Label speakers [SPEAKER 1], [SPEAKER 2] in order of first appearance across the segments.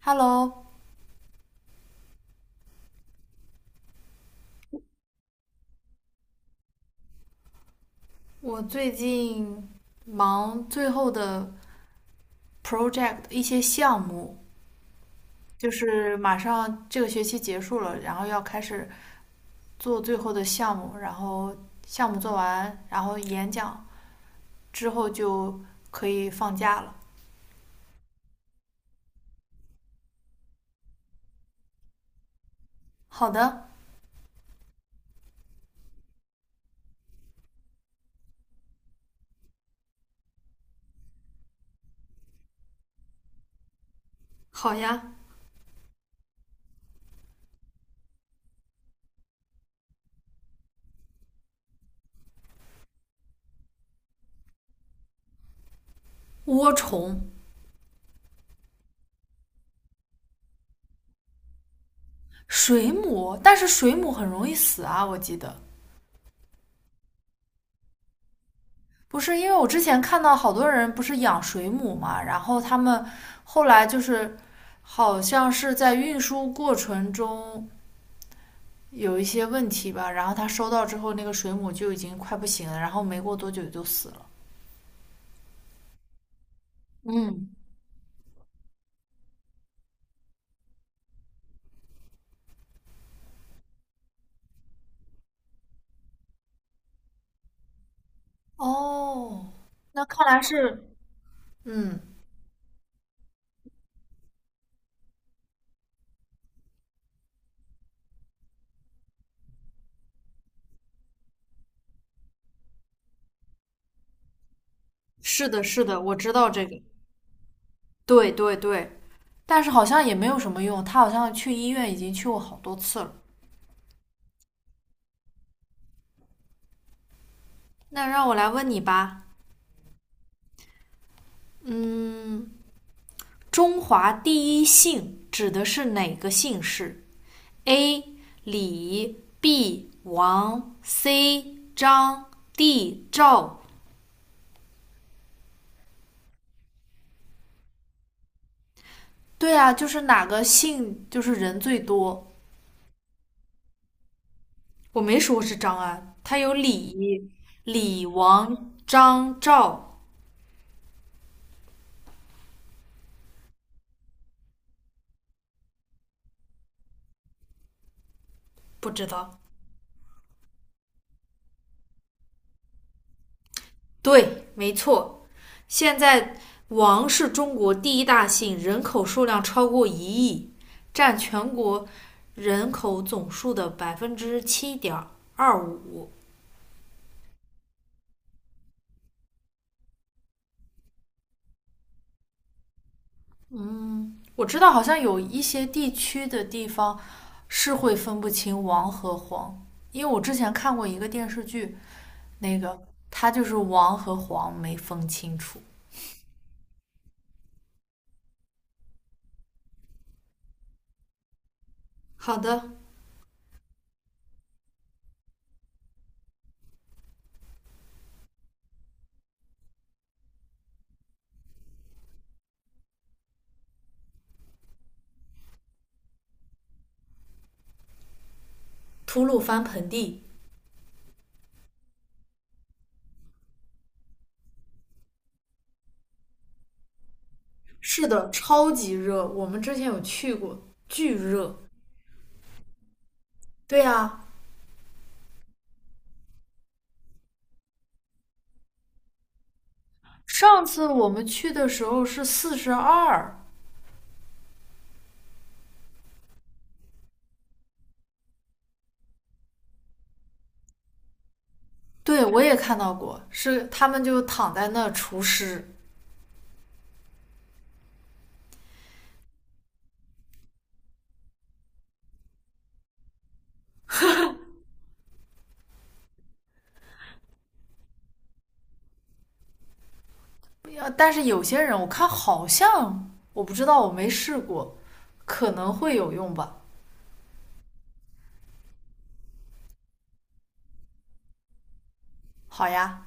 [SPEAKER 1] Hello，我最近忙最后的 project 一些项目，就是马上这个学期结束了，然后要开始做最后的项目，然后项目做完，然后演讲之后就可以放假了。好的，好呀。涡虫、水母，但是水母很容易死啊，我记得。不是，因为我之前看到好多人不是养水母嘛，然后他们后来就是好像是在运输过程中有一些问题吧，然后他收到之后，那个水母就已经快不行了，然后没过多久就死了。嗯，哦，那看来是，嗯，是的，是的，我知道这个，对对对，但是好像也没有什么用，他好像去医院已经去过好多次了。那让我来问你吧，嗯，中华第一姓指的是哪个姓氏？A. 李 B. 王 C. 张 D. 赵。对啊，就是哪个姓就是人最多。我没说是张安，他有李、李、王、张、赵，不知道。对，没错。现在王是中国第一大姓，人口数量超过1亿，占全国人口总数的7.25%。我知道好像有一些地区的地方是会分不清王和黄，因为我之前看过一个电视剧，那个它就是王和黄没分清楚。好的，吐鲁番盆地是的，超级热，我们之前有去过，巨热。对呀，上次我们去的时候是42，对，我也看到过，是他们就躺在那除湿。但是有些人我看好像我不知道，我没试过，可能会有用吧。好呀，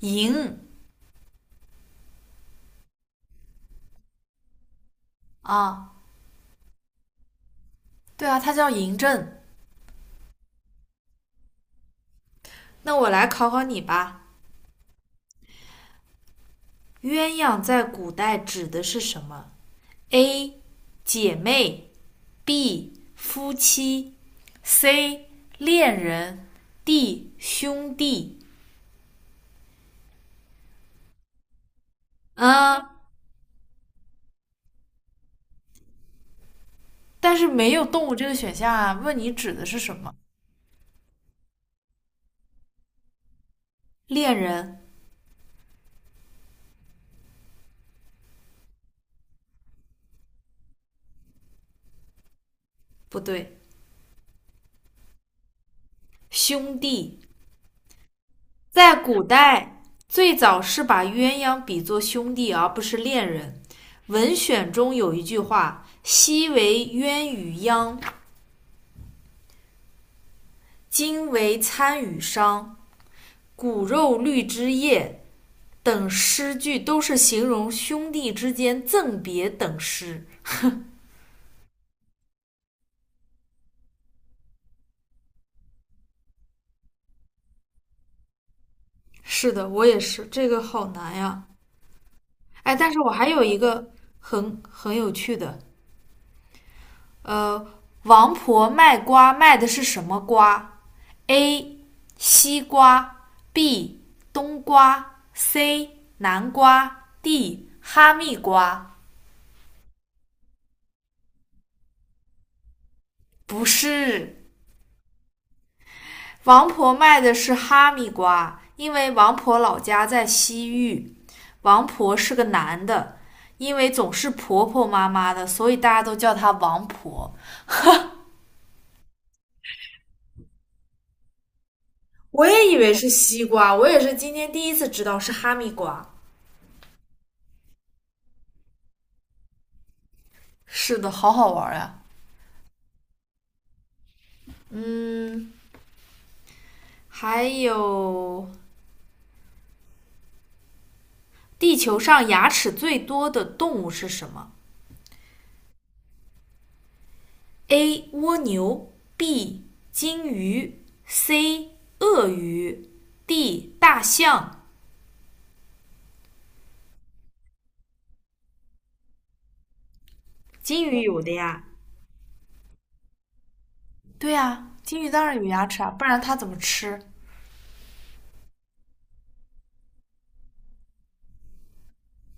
[SPEAKER 1] 嬴，啊，对啊，它叫嬴政。那我来考考你吧，鸳鸯在古代指的是什么？A. 姐妹 B 夫妻，C 恋人，D 兄弟。嗯，但是没有动物这个选项啊。问你指的是什么？恋人不对，兄弟在古代最早是把鸳鸯比作兄弟，而不是恋人。文选中有一句话：“昔为鸳与鸯，今为参与商。骨肉绿枝叶，等诗句都是形容兄弟之间赠别等诗。是的，我也是，这个好难呀。哎，但是我还有一个很有趣的，呃，王婆卖瓜卖的是什么瓜？A. 西瓜 B. 冬瓜 C. 南瓜 D. 哈密瓜。不是。王婆卖的是哈密瓜，因为王婆老家在西域。王婆是个男的，因为总是婆婆妈妈的，所以大家都叫她王婆。我也以为是西瓜，我也是今天第一次知道是哈密瓜。是的，好好玩呀、啊嗯，还有地球上牙齿最多的动物是什么？A. 蜗牛 B. 金鱼 C. 鳄鱼 D. 大象金鱼有的呀，对呀、啊金鱼当然有牙齿啊，不然它怎么吃？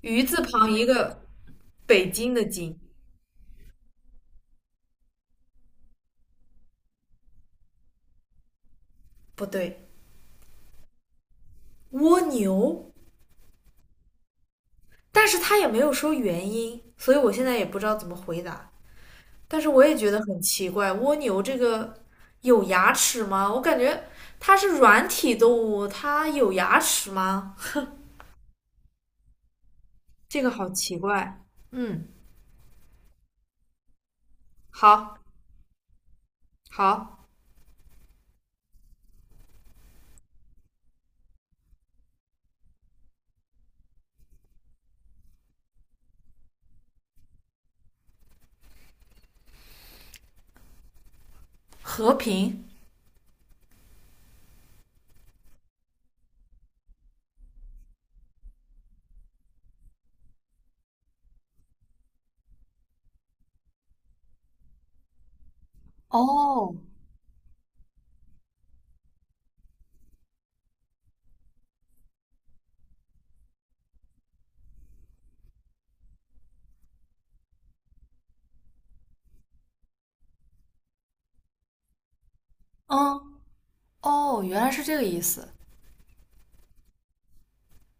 [SPEAKER 1] 鱼字旁一个北京的京，不对，蜗牛，但是它也没有说原因，所以我现在也不知道怎么回答。但是我也觉得很奇怪，蜗牛这个有牙齿吗？我感觉它是软体动物，它有牙齿吗？这个好奇怪。嗯，好，好，和平。哦嗯，哦，原来是这个意思。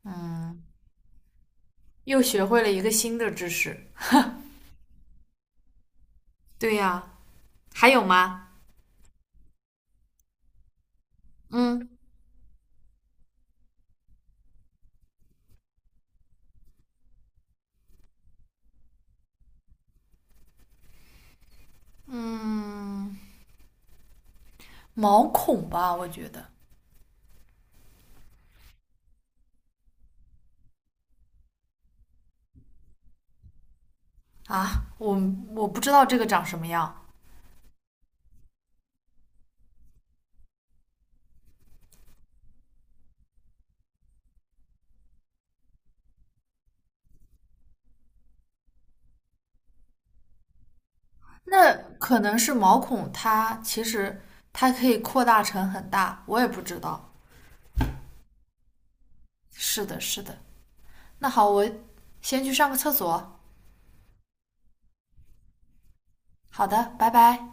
[SPEAKER 1] 嗯，又学会了一个新的知识。对呀、啊还有吗？嗯，嗯，毛孔吧，我觉得啊，我我不知道这个长什么样。那可能是毛孔，它其实它可以扩大成很大，我也不知道。是的，是的。那好，我先去上个厕所。好的，拜拜。